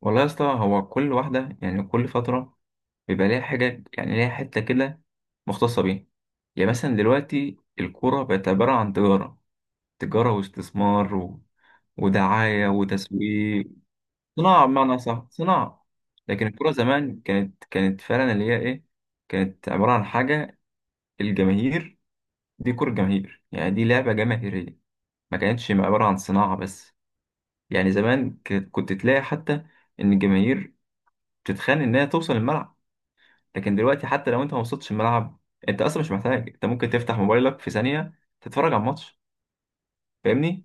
والله يا اسطى، هو كل واحدة يعني كل فترة بيبقى ليها حاجة، يعني ليها حتة كده مختصة بيها. يعني مثلا دلوقتي الكورة بقت عبارة عن تجارة واستثمار ودعاية وتسويق. صناعة، بمعنى صح، صناعة. لكن الكورة زمان كانت فعلا اللي هي إيه، كانت عبارة عن حاجة، الجماهير. دي كورة جماهير، يعني دي لعبة جماهيرية، ما كانتش عبارة عن صناعة بس. يعني زمان كنت تلاقي حتى إن الجماهير بتتخانق إنها توصل الملعب. لكن دلوقتي حتى لو انت ما وصلتش الملعب، انت اصلا مش محتاج، انت ممكن تفتح موبايلك في ثانية تتفرج على الماتش. فاهمني؟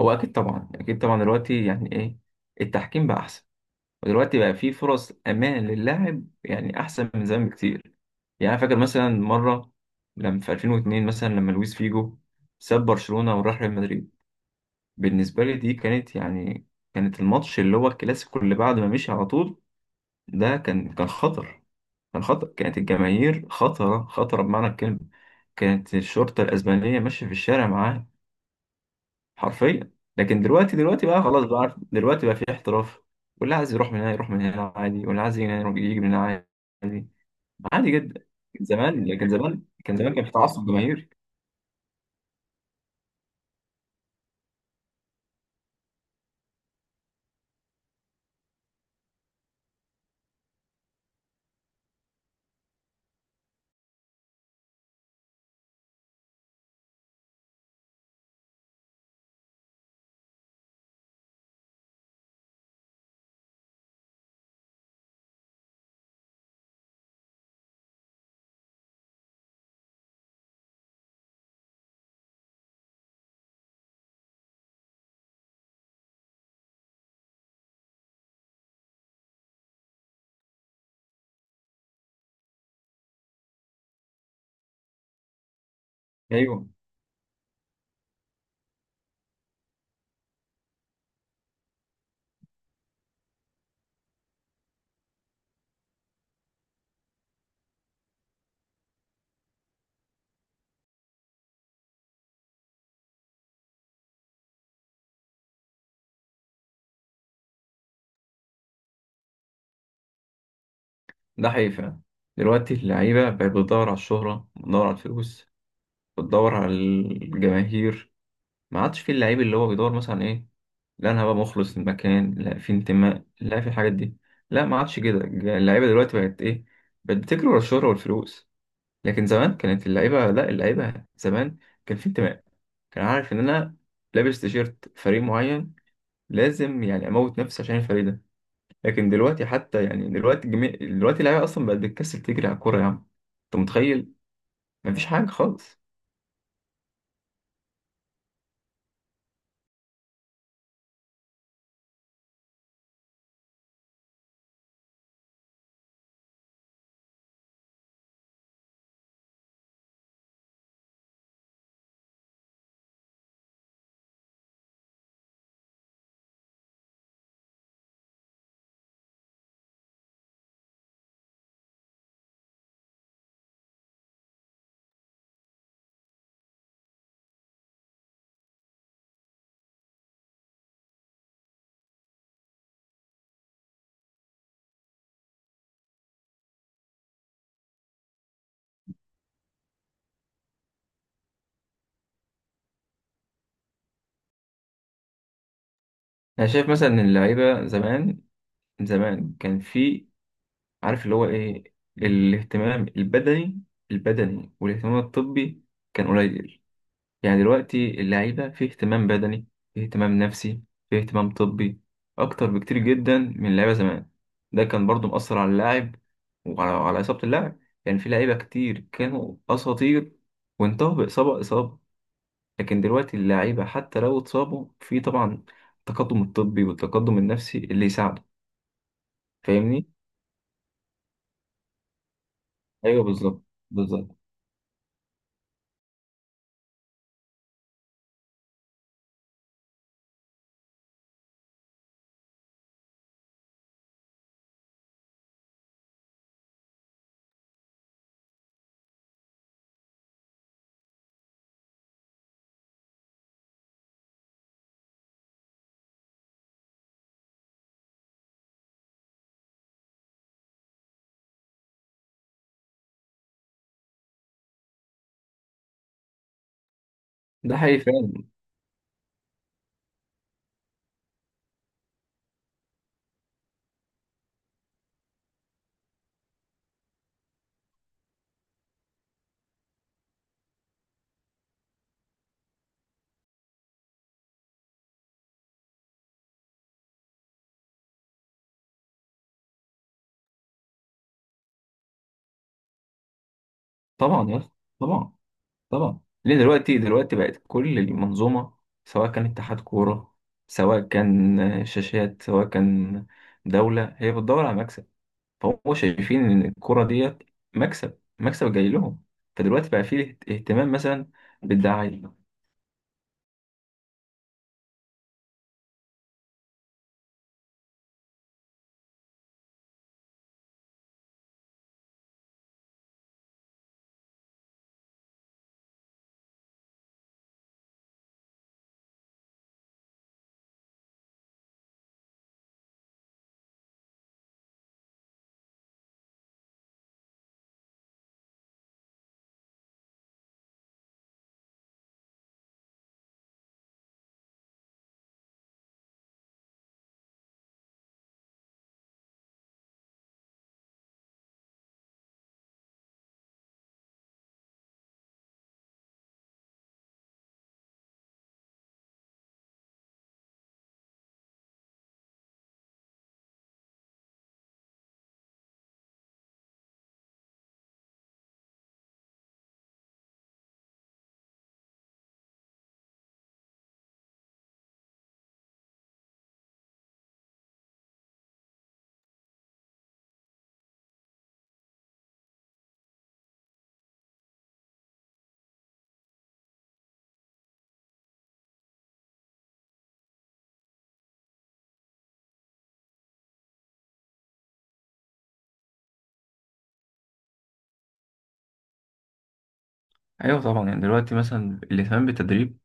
هو اكيد طبعا، اكيد طبعا. دلوقتي يعني ايه، التحكيم بقى احسن، ودلوقتي بقى في فرص امان للاعب، يعني احسن من زمان بكتير. يعني انا فاكر مثلا مرة لما في 2002، مثلا لما لويس فيجو ساب برشلونة وراح ريال مدريد. بالنسبة لي دي كانت يعني، كانت الماتش اللي هو الكلاسيكو اللي بعد ما مشي على طول. ده كان خطر، كان خطر، كانت الجماهير خطرة خطرة بمعنى الكلمة. كانت الشرطة الأسبانية ماشية في الشارع معاه، حرفيا. لكن دلوقتي بقى خلاص، بقى عارف، دلوقتي بقى في احتراف. واللي عايز يروح من هنا يروح من هنا عادي، واللي عايز يجي من هنا يجي من هنا. عادي، عادي جدا. زمان، لكن زمان كان في تعصب جماهيري. أيوه. ده حقيقي فعلا. دلوقتي اللعيبة بقت بتدور على الشهرة، بتدور على الفلوس، بتدور على الجماهير. ما عادش في اللعيب اللي هو بيدور مثلا إيه، لا انا هبقى مخلص للمكان، لا في انتماء، لا في الحاجات دي. لا، ما عادش كده. اللعيبه دلوقتي بقت ايه، بقت بتجري ورا الشهره والفلوس. لكن زمان كانت اللعيبه، لا، اللعيبه زمان كان في انتماء، كان عارف ان انا لابس تيشيرت فريق معين لازم يعني اموت نفسي عشان الفريق ده. لكن دلوقتي حتى يعني دلوقتي جميع دلوقتي اللعيبه اصلا بقت بتكسل تجري على الكوره، يا عم. انت متخيل؟ مفيش حاجه خالص. انا شايف مثلا ان اللعيبه زمان كان في، عارف اللي هو ايه، الاهتمام البدني، البدني والاهتمام الطبي كان قليل. يعني دلوقتي اللعيبة في اهتمام بدني، في اهتمام نفسي، في اهتمام طبي، أكتر بكتير جدا من اللعيبة زمان. ده كان برضو مؤثر على اللاعب، وعلى على إصابة اللاعب. يعني في لعيبة كتير كانوا أساطير وانتهوا بإصابة، إصابة. لكن دلوقتي اللعيبة حتى لو اتصابوا، في طبعا التقدم الطبي والتقدم النفسي اللي يساعده. فاهمني؟ أيوه بالظبط، بالظبط. ده حقيقي فعلا. طبعا يا اسطى، طبعا، طبعا. ليه؟ دلوقتي بقت كل المنظومه، سواء كان اتحاد كوره، سواء كان شاشات، سواء كان دوله، هي بتدور على مكسب. فهم شايفين ان الكوره ديت مكسب، مكسب جاي لهم. فدلوقتي بقى فيه اهتمام مثلا بالدعايه. ايوه طبعا، يعني دلوقتي مثلا الاهتمام بالتدريب.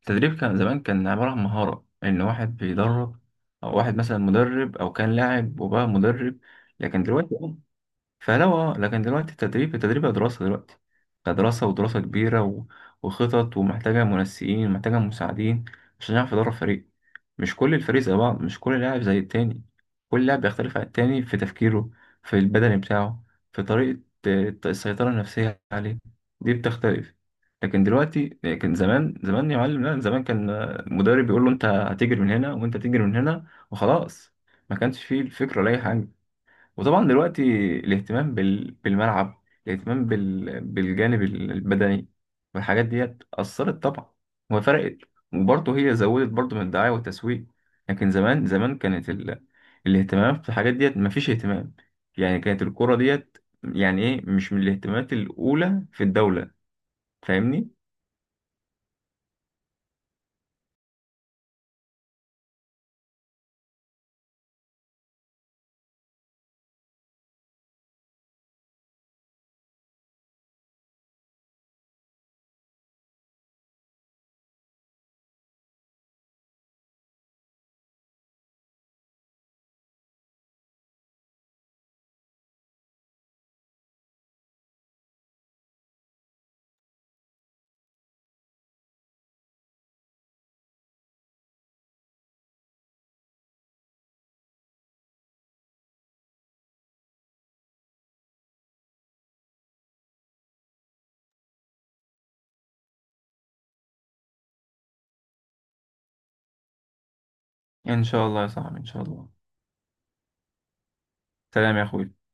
التدريب كان زمان كان عباره عن مهاره ان واحد بيدرب، او واحد مثلا مدرب او كان لاعب وبقى مدرب. لكن دلوقتي لكن دلوقتي التدريب بقى دراسة. دلوقتي بقى دراسة، ودراسة كبيرة، و... وخطط، ومحتاجة منسقين ومحتاجة مساعدين عشان يعرف يدرب فريق. مش كل الفريق زي بعض، مش كل لاعب زي التاني، كل لاعب بيختلف عن التاني في تفكيره، في البدني بتاعه، في طريقة السيطرة النفسية عليه، دي بتختلف. لكن دلوقتي، لكن زمان يا معلم، لا زمان كان، المدرب بيقول له انت هتجري من هنا وانت تجري من هنا وخلاص. ما كانش فيه الفكرة ولا أي حاجة. وطبعا دلوقتي الاهتمام بالملعب، الاهتمام بالجانب البدني، والحاجات ديت أثرت طبعا وفرقت. وبرضه هي زودت برضه من الدعاية والتسويق. لكن زمان، زمان كانت الاهتمام في الحاجات ديت مفيش اهتمام. يعني كانت الكرة ديت يعني ايه مش من الاهتمامات الأولى في الدولة. فاهمني؟ إن شاء الله يا صاحبي، إن شاء الله. سلام يا أخوي.